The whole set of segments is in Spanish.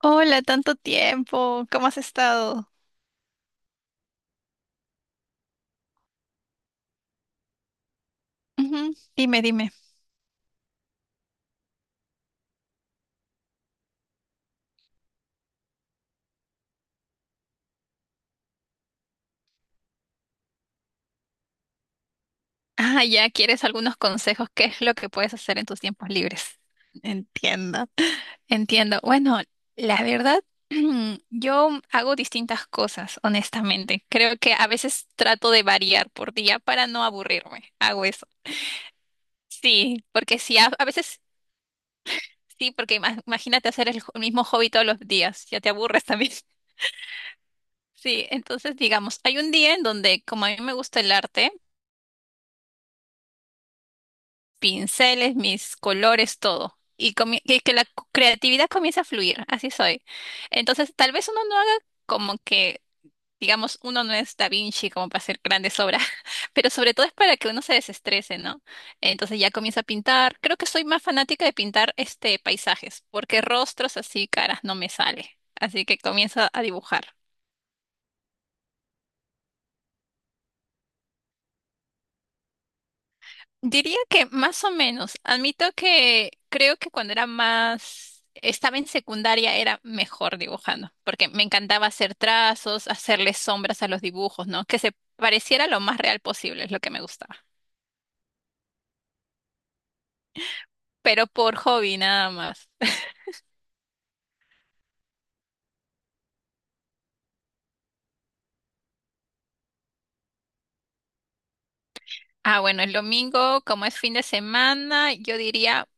Hola, tanto tiempo. ¿Cómo has estado? Ujú, dime. Ah, ya quieres algunos consejos. ¿Qué es lo que puedes hacer en tus tiempos libres? Entiendo. Entiendo. Bueno, la verdad, yo hago distintas cosas, honestamente. Creo que a veces trato de variar por día para no aburrirme. Hago eso. Sí, porque si a, a veces, sí, porque imagínate hacer el mismo hobby todos los días, ya te aburres también. Sí, entonces digamos, hay un día en donde como a mí me gusta el arte, pinceles, mis colores, todo. Y que la creatividad comienza a fluir, así soy. Entonces, tal vez uno no haga como que, digamos, uno no es Da Vinci como para hacer grandes obras, pero sobre todo es para que uno se desestrese, ¿no? Entonces ya comienza a pintar. Creo que soy más fanática de pintar este paisajes, porque rostros así, caras, no me sale. Así que comienzo a dibujar. Diría que más o menos. Admito que creo que cuando era más, estaba en secundaria era mejor dibujando, porque me encantaba hacer trazos, hacerle sombras a los dibujos, ¿no? Que se pareciera lo más real posible, es lo que me gustaba. Pero por hobby nada más. Ah, bueno, el domingo, como es fin de semana, yo diría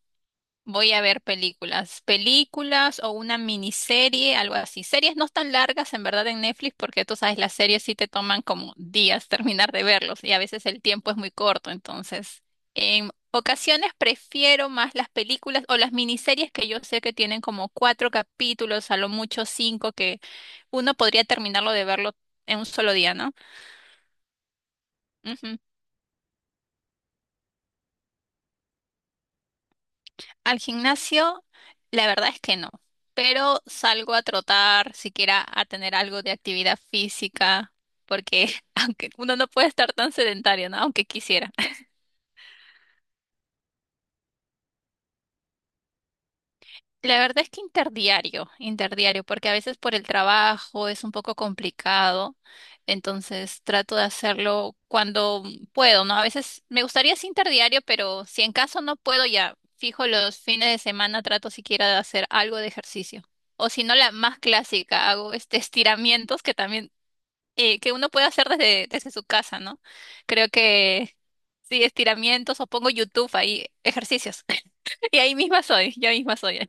voy a ver películas, películas o una miniserie, algo así. Series no tan largas en verdad en Netflix porque tú sabes, las series sí te toman como días terminar de verlos y a veces el tiempo es muy corto. Entonces, en ocasiones prefiero más las películas o las miniseries que yo sé que tienen como cuatro capítulos, a lo mucho cinco, que uno podría terminarlo de verlo en un solo día, ¿no? Al gimnasio, la verdad es que no, pero salgo a trotar, siquiera a tener algo de actividad física, porque aunque uno no puede estar tan sedentario, ¿no? Aunque quisiera. La verdad es que interdiario, porque a veces por el trabajo es un poco complicado, entonces trato de hacerlo cuando puedo, ¿no? A veces me gustaría sí interdiario, pero si en caso no puedo ya fijo los fines de semana, trato siquiera de hacer algo de ejercicio. O si no, la más clásica, hago este estiramientos que también, que uno puede hacer desde su casa, ¿no? Creo que sí, estiramientos o pongo YouTube ahí, ejercicios. Y ahí misma soy, yo misma soy.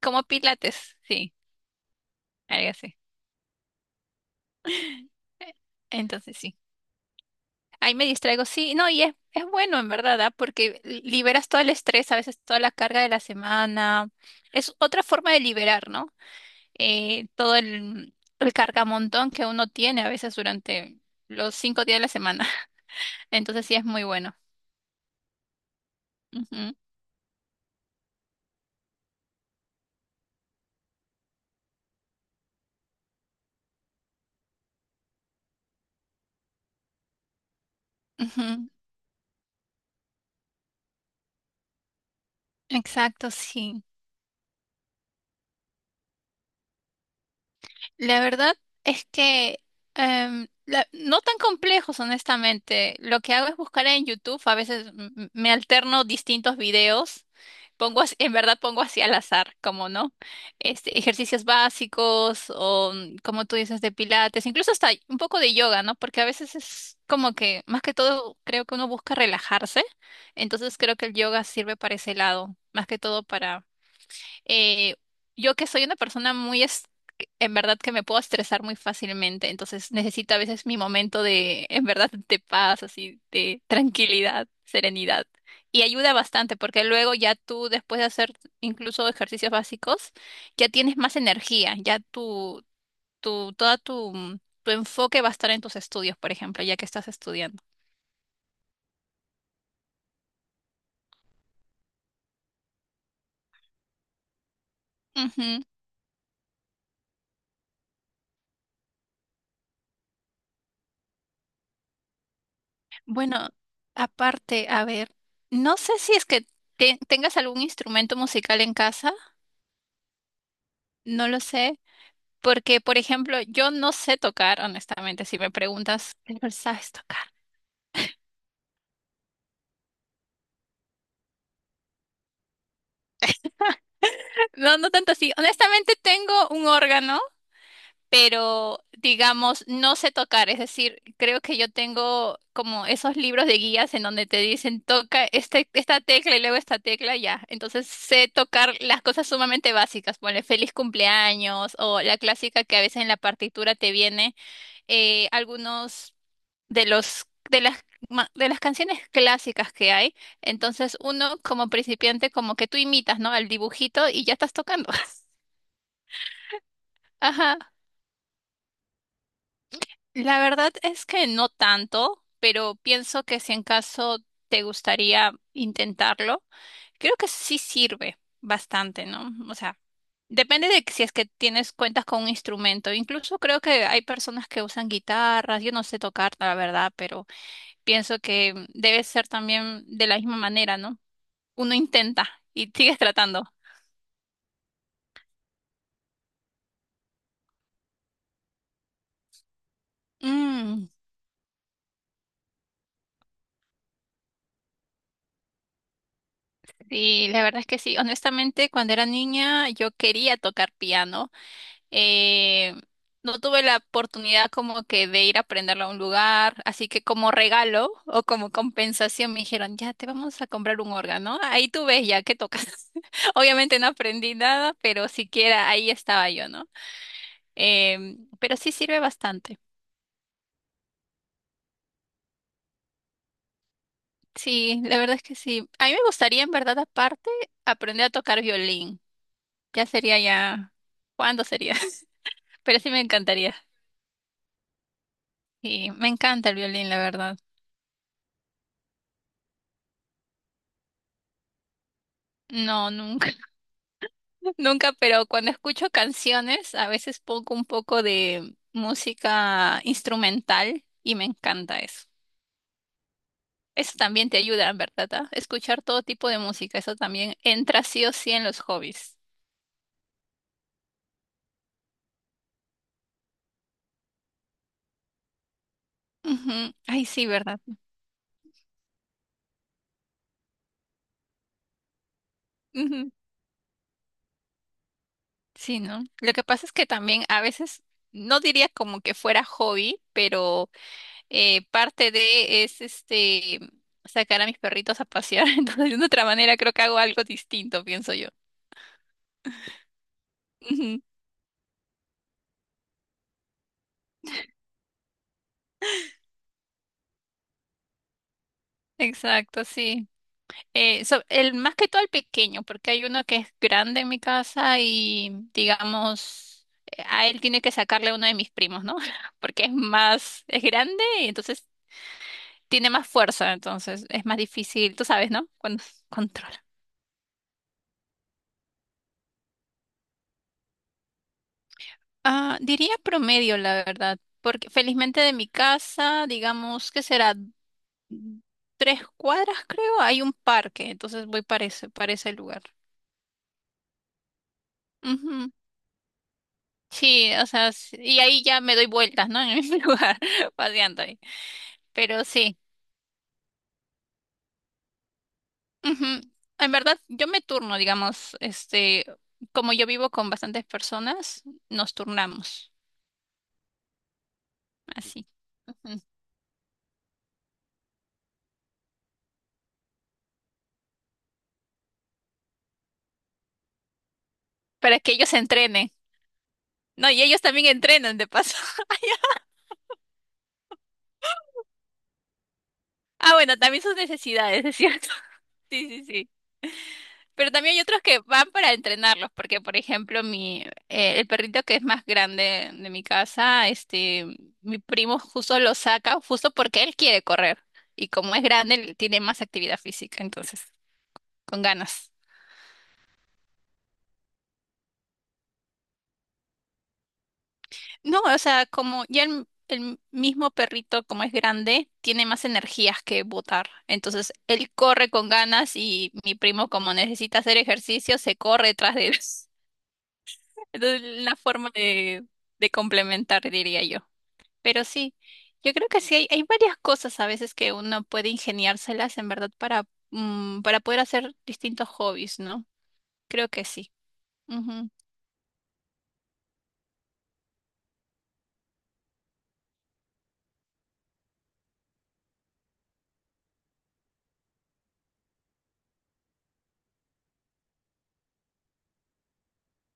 Como pilates, sí, algo así. Eh, Entonces sí, ahí me distraigo, sí, no, es bueno en verdad, ¿ah? Porque liberas todo el estrés, a veces toda la carga de la semana, es otra forma de liberar, ¿no? Todo el cargamontón que uno tiene a veces durante los 5 días de la semana, entonces sí es muy bueno. Ujú, ujú. Exacto, sí. La verdad es que no tan complejos, honestamente. Lo que hago es buscar en YouTube, a veces me alterno distintos videos. En verdad pongo así al azar, como no, este, ejercicios básicos o mm, como tú dices de pilates, incluso hasta un poco de yoga, ¿no? Porque a veces es como que más que todo creo que uno busca relajarse, entonces creo que el yoga sirve para ese lado, más que todo eh, yo que soy una persona muy, en verdad que me puedo estresar muy fácilmente, entonces necesito a veces mi momento de, en verdad, de paz, así, de tranquilidad, serenidad. Y ayuda bastante porque luego ya tú, después de hacer incluso ejercicios básicos, ya tienes más energía, toda tu, mm, tu enfoque va a estar en tus estudios, por ejemplo, ya que estás estudiando. Ujú. Bueno, aparte, a ver, no sé si es que tengas algún instrumento musical en casa. No lo sé, porque por ejemplo, yo no sé tocar, honestamente, si me preguntas, "Pero ¿sabes tocar? No, no tanto así. Honestamente tengo un órgano, pero digamos, no sé tocar, es decir, creo que yo tengo como esos libros de guías en donde te dicen toca este, esta tecla y luego esta tecla, ya. Entonces sé tocar las cosas sumamente básicas, ponle feliz cumpleaños o la clásica que a veces en la partitura te viene algunos de los de las de las canciones clásicas que hay, entonces uno como principiante como que tú imitas, ¿no? Al dibujito y ya estás tocando. Ajá. La verdad es que no tanto, pero pienso que si en caso te gustaría intentarlo, creo que sí sirve bastante, ¿no? O sea, depende de que si es que tienes cuentas con un instrumento. Incluso creo que hay personas que usan guitarras, yo no sé tocar, la verdad, pero pienso que debe ser también de la misma manera, ¿no? Uno intenta y sigues tratando. Mm, sí, la verdad es que sí. Honestamente, cuando era niña yo quería tocar piano. Eh, no tuve la oportunidad como que de ir a aprenderlo a un lugar, así que como regalo o como compensación me dijeron, ya te vamos a comprar un órgano. Ahí tú ves ya que tocas. Obviamente no aprendí nada, pero siquiera ahí estaba yo, ¿no? Pero sí sirve bastante. Sí, la verdad es que sí. A mí me gustaría en verdad aparte aprender a tocar violín. Ya sería ya. ¿Cuándo sería? Pero sí me encantaría. Y me encanta el violín, la verdad. No, nunca, nunca, pero cuando escucho canciones, a veces pongo un poco de música instrumental y me encanta eso. Eso también te ayuda, ¿verdad? ¿Ah? Escuchar todo tipo de música, eso también entra sí o sí en los hobbies. Ujú. Ay, sí, ¿verdad? Ujú. Sí, ¿no? Lo que pasa es que también a veces, no diría como que fuera hobby, pero parte de es este sacar a mis perritos a pasear. Entonces, de otra manera, creo que hago algo distinto, pienso yo. Ujú, exacto, sí. El, más que todo el pequeño, porque hay uno que es grande en mi casa y, digamos, a él tiene que sacarle uno de mis primos, ¿no? Porque es más, es grande y entonces tiene más fuerza, entonces es más difícil, tú sabes, ¿no? Cuando se controla. Ah, diría promedio, la verdad, porque felizmente de mi casa, digamos que será mm, 3 cuadras, creo, hay un parque, entonces voy para para ese lugar. Ujú. Sí, o sea, y ahí ya me doy vueltas, ¿no? En el mismo lugar, paseando ahí. Pero sí, ujú. En verdad, yo me turno, digamos, este, como yo vivo con bastantes personas, nos turnamos, así, ujú. Para que ellos se entrenen. No, y ellos también entrenan, de paso. Ah, bueno, también sus necesidades, es cierto. Sí, sí, sí. Pero también hay otros que van para entrenarlos, porque por ejemplo, mi, el perrito que es más grande de mi casa, este, mi primo justo lo saca, justo porque él quiere correr. Y como es grande, él tiene más actividad física, entonces, con ganas. No, o sea, como ya el mismo perrito, como es grande, tiene más energías que botar. Entonces, él corre con ganas y mi primo, como necesita hacer ejercicio, se corre detrás de él. Entonces, una forma de complementar, diría yo. Pero sí, yo creo que sí hay varias cosas a veces que uno puede ingeniárselas en verdad para, mm, para poder hacer distintos hobbies, ¿no? Creo que sí. Ujú.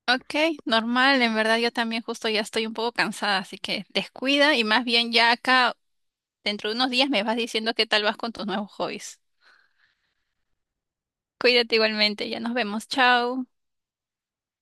Ok, normal, en verdad yo también justo ya estoy un poco cansada, así que descuida y más bien ya acá dentro de unos días me vas diciendo qué tal vas con tus nuevos hobbies. Cuídate igualmente, ya nos vemos, chao.